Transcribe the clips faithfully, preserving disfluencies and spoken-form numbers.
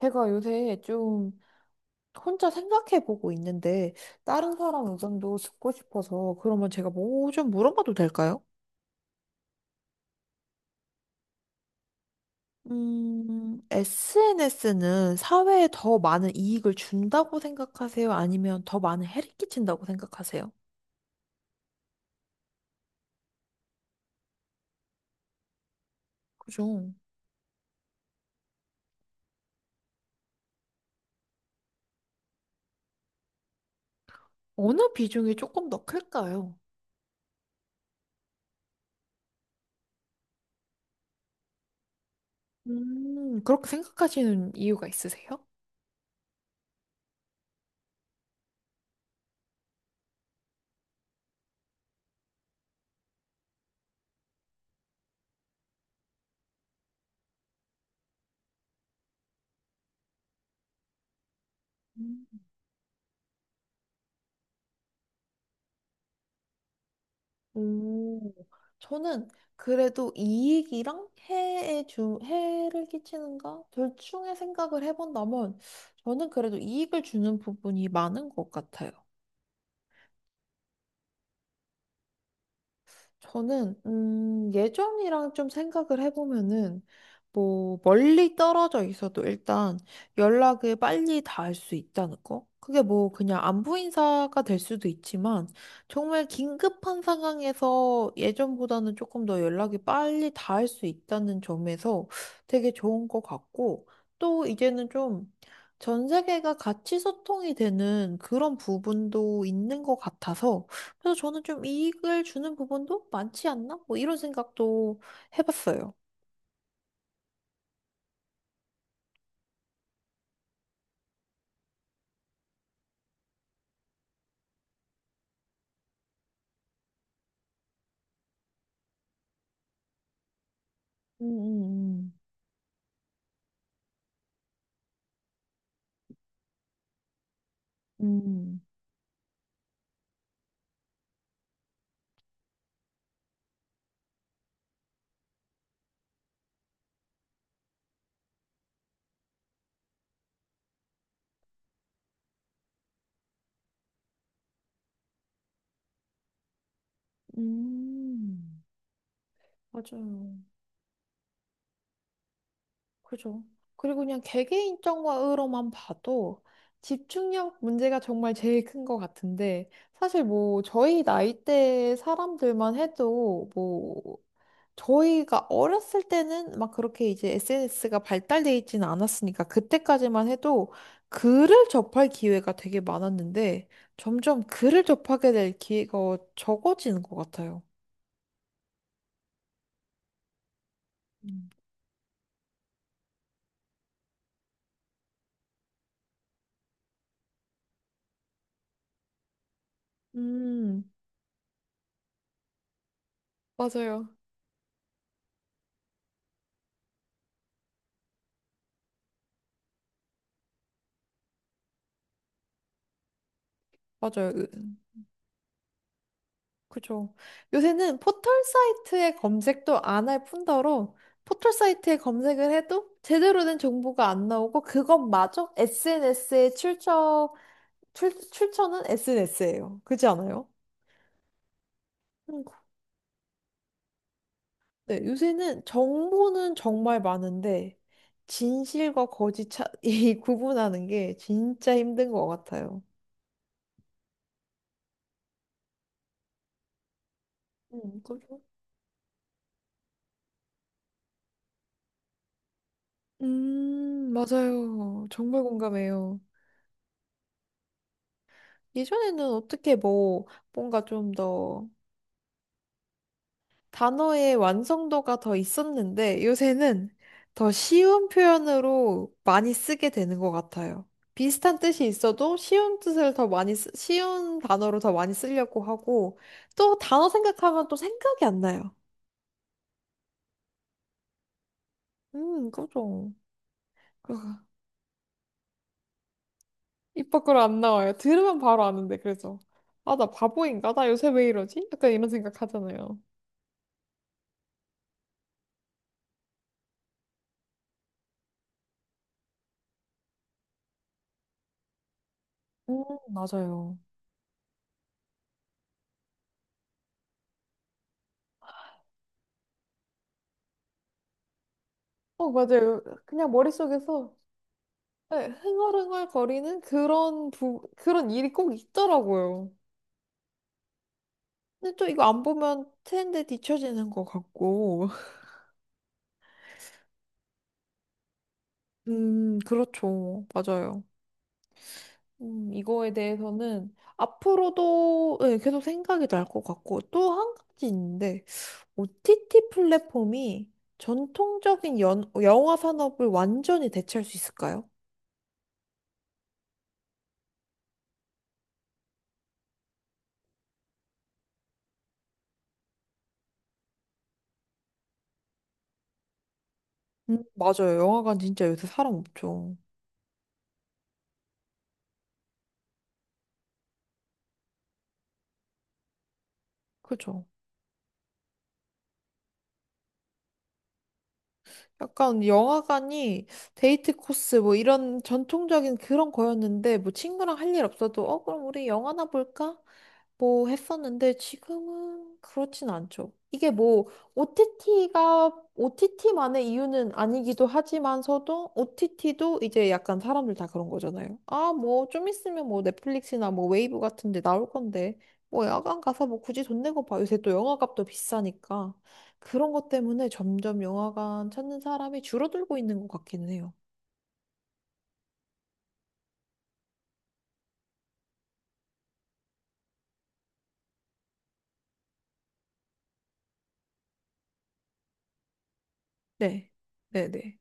제가 요새 좀 혼자 생각해보고 있는데 다른 사람 의견도 듣고 싶어서 그러면 제가 뭐 좀 물어봐도 될까요? 음, 에스엔에스는 사회에 더 많은 이익을 준다고 생각하세요? 아니면 더 많은 해를 끼친다고 생각하세요? 그죠? 어느 비중이 조금 더 클까요? 음, 그렇게 생각하시는 이유가 있으세요? 오, 저는 그래도 이익이랑 해에 주, 해를 끼치는가? 둘 중에 생각을 해본다면 저는 그래도 이익을 주는 부분이 많은 것 같아요. 저는 음, 예전이랑 좀 생각을 해보면은 뭐 멀리 떨어져 있어도 일단 연락을 빨리 닿을 수 있다는 거. 그게 뭐 그냥 안부 인사가 될 수도 있지만 정말 긴급한 상황에서 예전보다는 조금 더 연락이 빨리 닿을 수 있다는 점에서 되게 좋은 것 같고, 또 이제는 좀 전 세계가 같이 소통이 되는 그런 부분도 있는 것 같아서, 그래서 저는 좀 이익을 주는 부분도 많지 않나? 뭐 이런 생각도 해봤어요. 음, 음, 음, 음. 음. 맞아요. 그죠. 그리고 그냥 개개인 점으로만 봐도 집중력 문제가 정말 제일 큰 것 같은데, 사실 뭐 저희 나이대 사람들만 해도 뭐 저희가 어렸을 때는 막 그렇게 이제 에스엔에스가 발달돼 있지는 않았으니까 그때까지만 해도 글을 접할 기회가 되게 많았는데 점점 글을 접하게 될 기회가 적어지는 것 같아요. 음. 음, 맞아요. 맞아요. 그죠. 요새는 포털 사이트의 검색도 안 할 뿐더러 포털 사이트에 검색을 해도 제대로 된 정보가 안 나오고 그것마저 에스엔에스에 출처, 출, 출처는 에스엔에스예요. 그렇지 않아요? 음, 네, 요새는 정보는 정말 많은데 진실과 거짓 차, 이 구분하는 게 진짜 힘든 것 같아요. 음, 그죠. 음, 맞아요. 정말 공감해요. 예전에는 어떻게 뭐 뭔가 좀더 단어의 완성도가 더 있었는데 요새는 더 쉬운 표현으로 많이 쓰게 되는 것 같아요. 비슷한 뜻이 있어도 쉬운 뜻을 더 많이 쓰, 쉬운 단어로 더 많이 쓰려고 하고 또 단어 생각하면 또 생각이 안 나요. 음, 그죠. 그거 입 밖으로 안 나와요. 들으면 바로 아는데, 그래서 아, 나 바보인가? 나 요새 왜 이러지? 약간 이런 생각 하잖아요. 음, 맞아요. 어, 맞아요. 그냥 머릿속에서 네, 흥얼흥얼 거리는 그런 부, 그런 일이 꼭 있더라고요. 근데 또 이거 안 보면 트렌드에 뒤처지는 것 같고. 음, 그렇죠. 맞아요. 음, 이거에 대해서는 앞으로도 네, 계속 생각이 날 것 같고. 또 한 가지 있는데, 오티티 플랫폼이 전통적인 연, 영화 산업을 완전히 대체할 수 있을까요? 음, 맞아요. 영화관 진짜 요새 사람 없죠. 그죠? 약간 영화관이 데이트 코스 뭐 이런 전통적인 그런 거였는데, 뭐 친구랑 할 일 없어도 어 그럼 우리 영화나 볼까? 뭐 했었는데 지금은 그렇진 않죠. 이게 뭐 오티티가 오티티만의 이유는 아니기도 하지만서도 오티티도 이제 약간 사람들 다 그런 거잖아요. 아, 뭐 좀 있으면 뭐 넷플릭스나 뭐 웨이브 같은 데 나올 건데 뭐 야간 가서 뭐 굳이 돈 내고 봐. 요새 또 영화값도 비싸니까 그런 것 때문에 점점 영화관 찾는 사람이 줄어들고 있는 것 같기는 해요. 네. 네네.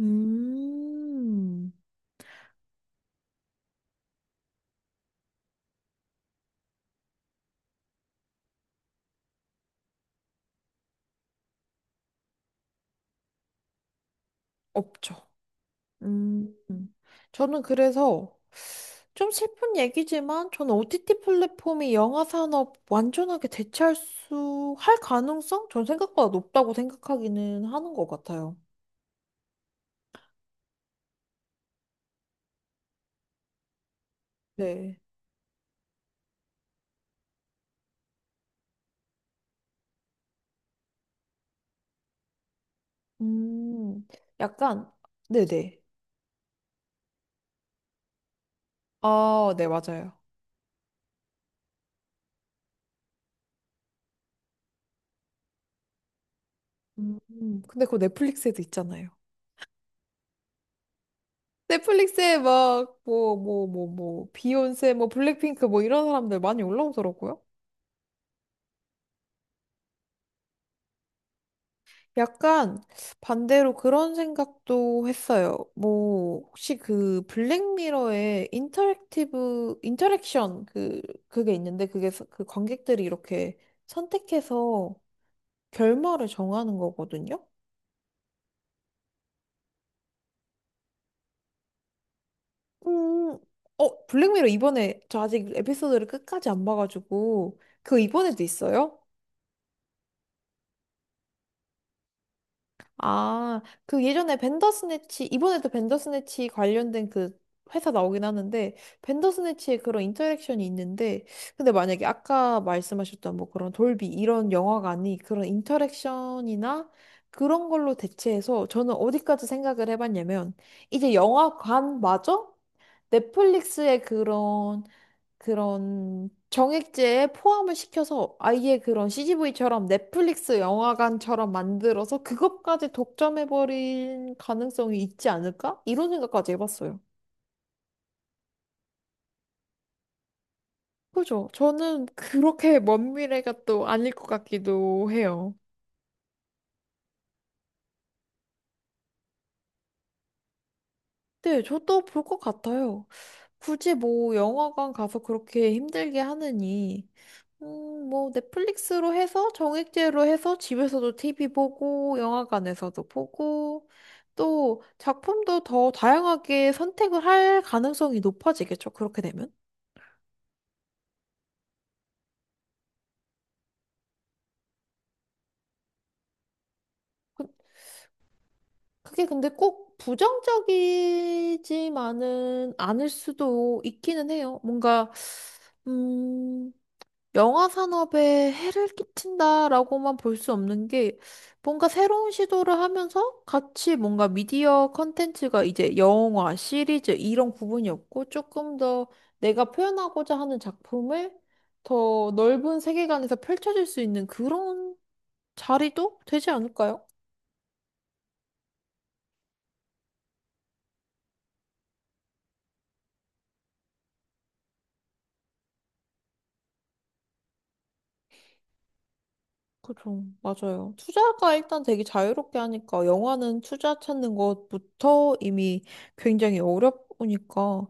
음, 없죠. 음, 음. 저는 그래서 좀 슬픈 얘기지만 저는 오티티 플랫폼이 영화 산업 완전하게 대체할 수, 할 가능성? 전 생각보다 높다고 생각하기는 하는 것 같아요. 네. 음, 약간, 네네. 아, 네, 맞아요. 음, 음. 근데 그거 넷플릭스에도 있잖아요. 넷플릭스에 막, 뭐, 뭐, 뭐, 뭐, 비욘세, 뭐, 블랙핑크, 뭐, 이런 사람들 많이 올라오더라고요. 약간 반대로 그런 생각도 했어요. 뭐, 혹시 그 블랙미러의 인터랙티브, 인터랙션 그, 그게 있는데 그게 서- 그 관객들이 이렇게 선택해서 결말을 정하는 거거든요? 음, 어, 블랙미러 이번에 저 아직 에피소드를 끝까지 안 봐가지고 그거 이번에도 있어요? 아, 그 예전에 벤더스네치, 이번에도 벤더스네치 관련된 그 회사 나오긴 하는데, 벤더스네치의 그런 인터랙션이 있는데, 근데 만약에 아까 말씀하셨던 뭐 그런 돌비 이런 영화가 아닌 그런 인터랙션이나 그런 걸로 대체해서 저는 어디까지 생각을 해봤냐면, 이제 영화관마저 넷플릭스의 그런 그런 정액제에 포함을 시켜서 아예 그런 씨지비처럼 넷플릭스 영화관처럼 만들어서 그것까지 독점해버린 가능성이 있지 않을까? 이런 생각까지 해봤어요. 그죠? 저는 그렇게 먼 미래가 또 아닐 것 같기도 해요. 네, 저도 볼 것 같아요. 굳이 뭐 영화관 가서 그렇게 힘들게 하느니, 음, 뭐 넷플릭스로 해서 정액제로 해서 집에서도 티비 보고 영화관에서도 보고 또 작품도 더 다양하게 선택을 할 가능성이 높아지겠죠. 그렇게 되면. 그- 그게 근데 꼭 부정적이지만은 않을 수도 있기는 해요. 뭔가, 음, 영화 산업에 해를 끼친다라고만 볼 수 없는 게 뭔가 새로운 시도를 하면서 같이 뭔가 미디어 컨텐츠가 이제 영화, 시리즈 이런 부분이 없고 조금 더 내가 표현하고자 하는 작품을 더 넓은 세계관에서 펼쳐질 수 있는 그런 자리도 되지 않을까요? 그죠. 맞아요. 투자가 일단 되게 자유롭게 하니까 영화는 투자 찾는 것부터 이미 굉장히 어렵으니까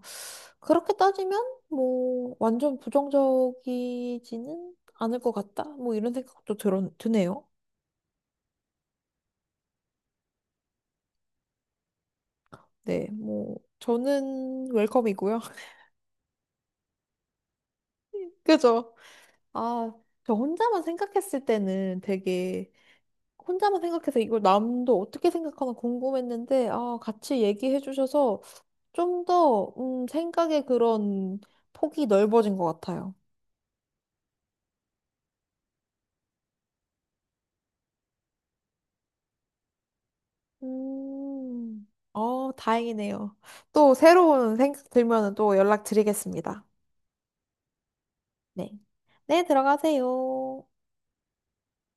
그렇게 따지면 뭐 완전 부정적이지는 않을 것 같다. 뭐 이런 생각도 들어, 드네요. 네, 뭐 저는 웰컴이고요. 그죠? 아, 저 혼자만 생각했을 때는 되게 혼자만 생각해서 이걸 남도 어떻게 생각하나 궁금했는데 아, 같이 얘기해 주셔서 좀 더, 음, 생각의 그런 폭이 넓어진 것 같아요. 음, 어, 다행이네요. 또 새로운 생각 들면은 또 연락드리겠습니다. 네. 네, 들어가세요.